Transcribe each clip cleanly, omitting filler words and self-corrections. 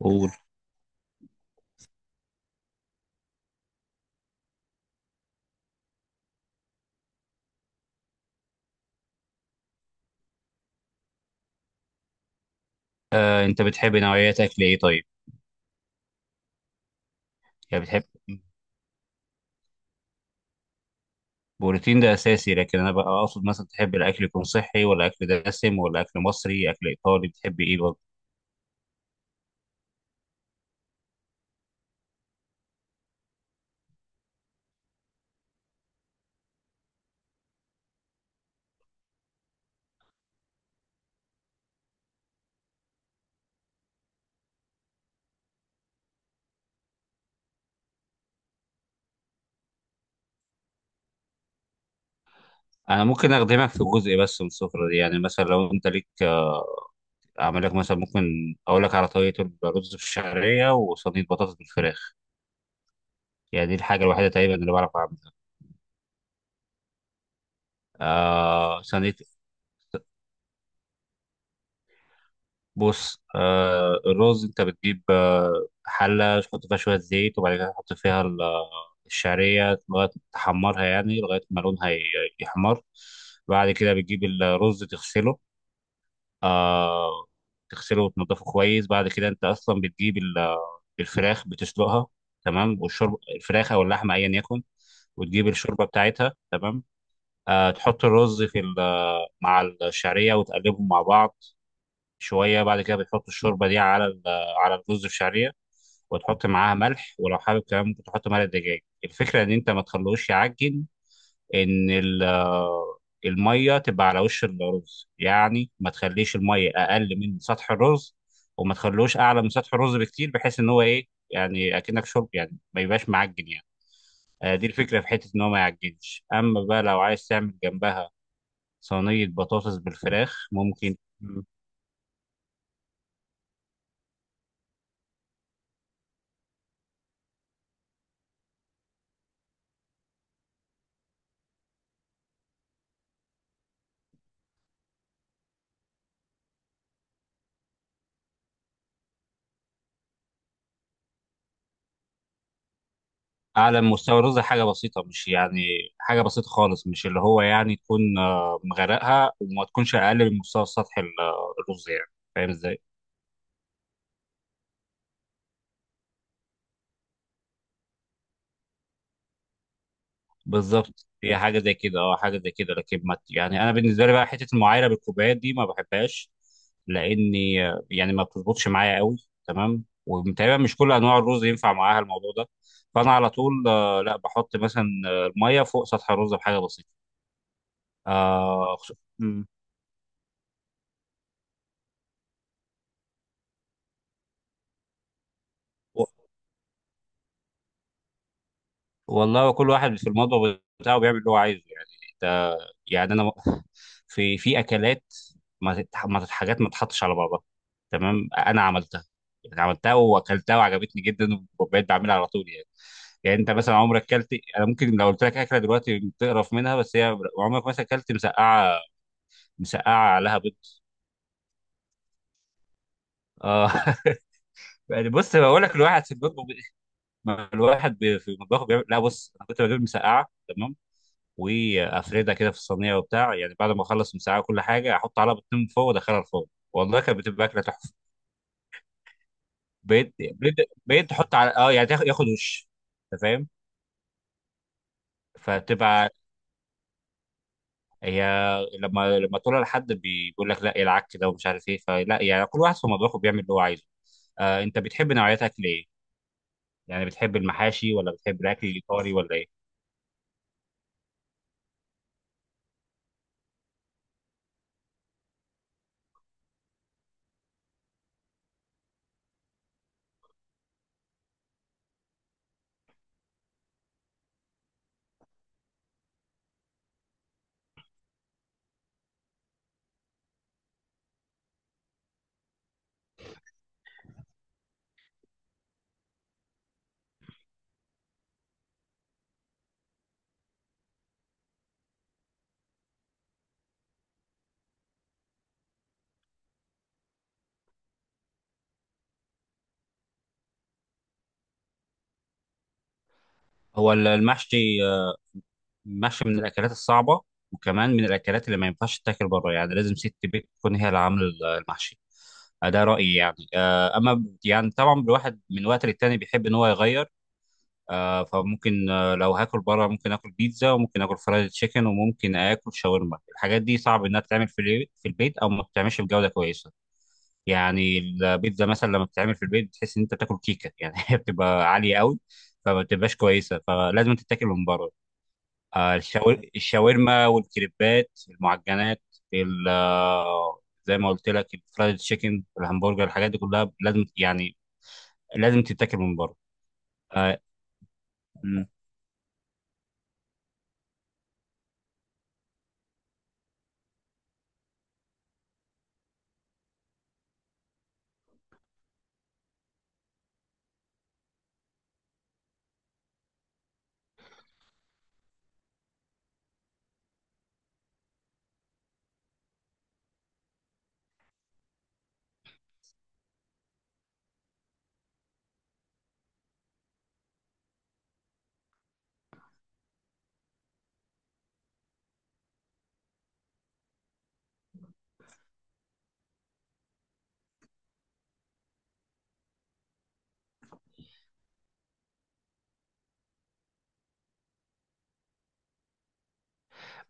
قول. انت بتحب نوعيات اكل ايه طيب؟ يعني بتحب؟ بروتين ده اساسي، لكن انا بقى اقصد مثلا تحب الاكل يكون صحي، ولا اكل دسم، ولا اكل مصري، اكل ايطالي، بتحب ايه برضه؟ انا ممكن اخدمك في جزء بس من السفره دي، يعني مثلا لو انت ليك اعمل لك مثلا، ممكن اقول لك على طريقه الرز بالشعريه وصينيه بطاطس بالفراخ، يعني دي الحاجه الوحيده تقريبا اللي بعرف اعملها. آه، صينيه. بص، الرز انت بتجيب حلة تحط فيها شوية زيت، وبعد كده تحط فيها الشعرية لغاية تحمرها، يعني لغاية ما لونها يحمر. بعد كده بتجيب الرز تغسله، آه، تغسله وتنضفه كويس. بعد كده انت اصلا بتجيب الفراخ بتسلقها تمام، والشوربة الفراخ او اللحمة ايا يكن، وتجيب الشوربة بتاعتها تمام. آه، تحط الرز في مع الشعرية وتقلبهم مع بعض شويه. بعد كده بتحط الشوربه دي على على الرز بشعريه، وتحط معاها ملح، ولو حابب كمان ممكن تحط ملح دجاج. الفكره ان انت ما تخلوش يعجن، ان الميه تبقى على وش الرز، يعني ما تخليش الميه اقل من سطح الرز، وما تخلوش اعلى من سطح الرز بكتير، بحيث ان هو ايه، يعني اكنك شرب، يعني ما يبقاش معجن يعني. دي الفكره في حته ان هو ما يعجنش. اما بقى لو عايز تعمل جنبها صينيه بطاطس بالفراخ ممكن. اعلى من مستوى الرز حاجه بسيطه، مش يعني حاجه بسيطه خالص، مش اللي هو يعني تكون مغرقها، وما تكونش اقل من مستوى سطح الرز يعني، فاهم ازاي؟ بالظبط، هي حاجه زي كده، اه، حاجه زي كده، لكن ما يعني انا بالنسبه لي بقى حته المعايره بالكوبايات دي ما بحبهاش، لاني يعني ما بتظبطش معايا قوي. تمام، وتقريبا مش كل انواع الرز ينفع معاها الموضوع ده، فانا على طول لا بحط مثلا الميه فوق سطح الرز بحاجه بسيطه. آه خصو- مم. والله هو كل واحد في المطبخ بتاعه بيعمل اللي هو عايزه يعني. انت يعني انا في اكلات، ما تتح- ما تت- حاجات ما تتحطش على بعضها تمام، انا عملتها يعني، عملتها واكلتها وعجبتني جدا وبقيت بعملها على طول يعني. يعني انت مثلا عمرك اكلت؟ انا ممكن لو قلت لك اكله دلوقتي تقرف منها، بس هي عمرك مثلا اكلت مسقعه، مسقعه عليها بيض؟ اه. يعني بص، بقول لك الواحد في المطبخ ما الواحد في مطبخه بيعمل، لا بص انا كنت بجيب مسقعه تمام، وافردها كده في الصينيه وبتاع، يعني بعد ما اخلص المساعة وكل حاجه احط عليها بيضتين من فوق وادخلها الفرن، والله كانت بتبقى اكله تحفه. بيض، بيض، بيض تحط على اه يعني ياخد وش، انت فاهم؟ فتبقى هي لما تقولها لحد بيقول لك لا إيه العك كده ومش عارف ايه، فلا يعني كل واحد في مطبخه بيعمل اللي هو عايزه. آه، انت بتحب نوعيات اكل ايه؟ يعني بتحب المحاشي، ولا بتحب الاكل الايطالي، ولا ايه؟ هو المحشي محشي من الاكلات الصعبه، وكمان من الاكلات اللي ما ينفعش تتاكل بره، يعني لازم ست بيت تكون هي اللي عامله المحشي. ده رايي يعني. اما يعني طبعا الواحد من وقت للتاني بيحب ان هو يغير، فممكن لو هاكل بره ممكن اكل بيتزا، وممكن اكل فرايد تشيكن، وممكن اكل شاورما. الحاجات دي صعب انها تتعمل في في البيت، او ما بتتعملش بجوده كويسه، يعني البيتزا مثلا لما بتتعمل في البيت بتحس ان انت بتاكل كيكه يعني، هي بتبقى عاليه قوي، فما بتبقاش كويسه، فلازم تتاكل من بره. الشاورما والكريبات المعجنات، زي ما قلت لك الفرايد تشيكن، الهمبرجر، الحاجات دي كلها لازم يعني لازم تتاكل من بره. آه، م.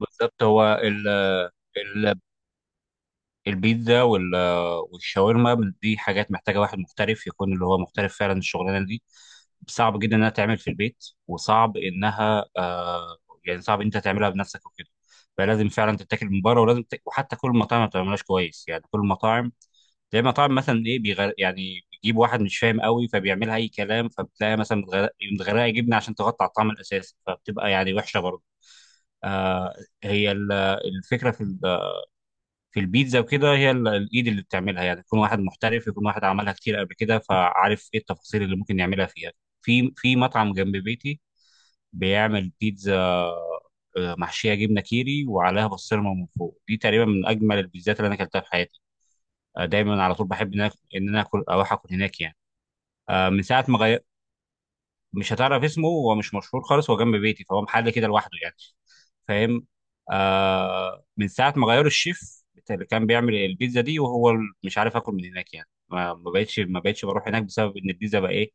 بالظبط، هو ال- البيتزا والشاورما دي حاجات محتاجه واحد محترف، يكون اللي هو محترف فعلا الشغلانه دي. صعب جدا انها تعمل في البيت، وصعب انها يعني صعب انت تعملها بنفسك وكده، فلازم فعلا تتاكل من بره، ولازم وحتى كل المطاعم ما بتعملهاش كويس يعني كل المطاعم، زي ما طبعا مثلا ايه بيغر، يعني بيجيب واحد مش فاهم قوي فبيعملها اي كلام، فبتلاقي مثلا متغرقه جبنه عشان تغطي على الطعم الاساسي، فبتبقى يعني وحشه برضه. آه، هي الفكره في في البيتزا وكده، هي الايد اللي بتعملها يعني، يكون واحد محترف، يكون واحد عملها كتير قبل كده فعارف ايه التفاصيل اللي ممكن يعملها فيها. في مطعم جنب بيتي بيعمل بيتزا محشيه جبنه كيري وعليها بسطرمه من فوق، دي تقريبا من اجمل البيتزات اللي انا اكلتها في حياتي. دايما على طول بحب ان انا ان انا اكل اروح اكل هناك يعني. من ساعه ما غير، مش هتعرف اسمه، هو مش مشهور خالص، هو جنب بيتي فهو محل كده لوحده يعني، فاهم؟ آه، من ساعه ما غيروا الشيف بتاع اللي كان بيعمل البيتزا دي وهو مش عارف اكل من هناك يعني، ما بقتش بروح هناك بسبب ان البيتزا بقى ايه،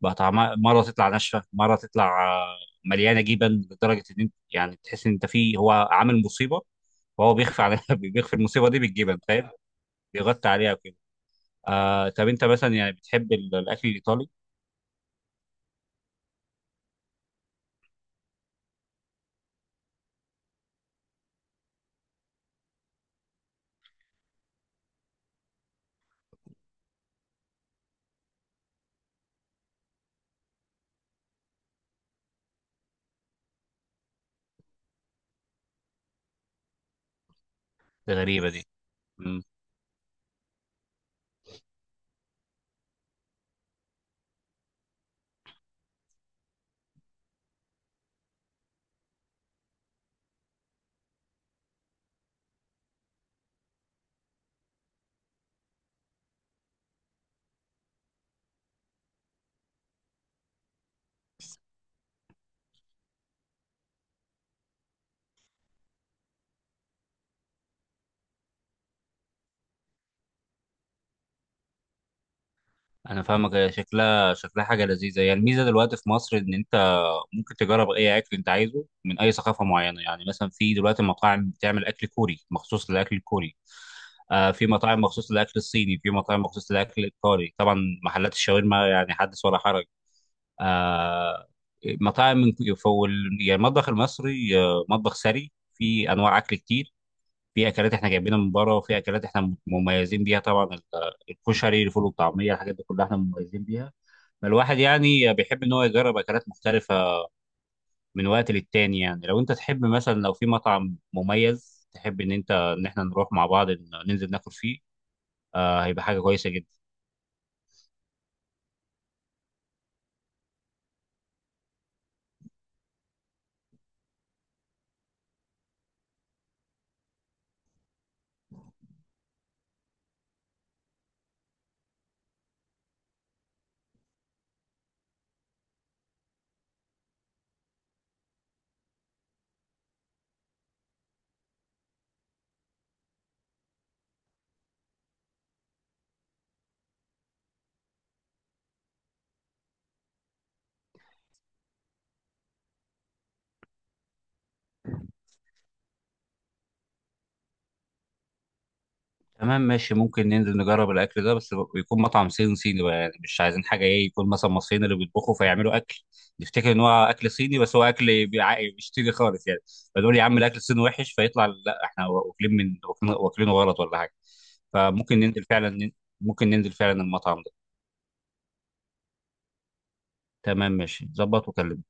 بقى طعمها مره تطلع ناشفه، مره تطلع مليانه جبن، لدرجه ان انت يعني تحس ان انت فيه هو عامل مصيبه، وهو بيخفي على بيخفي المصيبه دي بالجبن، فاهم؟ بيغطي عليها وكده. آه، طب انت مثلا يعني بتحب الاكل الايطالي؟ دي غريبه، دي انا فاهمك، هي شكلها شكلها حاجه لذيذه يعني. الميزه دلوقتي في مصر ان انت ممكن تجرب اي اكل انت عايزه من اي ثقافه معينه، يعني مثلا في دلوقتي مطاعم بتعمل اكل كوري مخصوص للاكل الكوري، آه، في مطاعم مخصوص للاكل الصيني، في مطاعم مخصوص للاكل الايطالي طبعا، محلات الشاورما يعني حدث ولا حرج. آه، مطاعم من فول يعني، المطبخ المصري مطبخ ثري في انواع اكل كتير، في اكلات احنا جايبينها من بره، وفي اكلات احنا مميزين بيها طبعا، الكشري الفول والطعميه، الحاجات دي كلها احنا مميزين بيها. الواحد يعني بيحب ان هو يجرب اكلات مختلفه من وقت للتاني، يعني لو انت تحب مثلا، لو في مطعم مميز، تحب ان انت ان احنا نروح مع بعض ننزل ناكل فيه، آه، هيبقى حاجه كويسه جدا. تمام ماشي، ممكن ننزل نجرب الاكل ده، بس يكون مطعم صيني صيني بقى يعني، مش عايزين حاجه ايه يكون مثلا مصريين اللي بيطبخوا، فيعملوا اكل نفتكر ان هو اكل صيني، بس هو اكل مش صيني خالص يعني، فنقول يا عم الاكل الصيني وحش، فيطلع لا احنا واكلين، من واكلينه غلط ولا حاجه. فممكن ننزل فعلا، ممكن ننزل فعلا المطعم ده. تمام ماشي، ظبط وكلمني.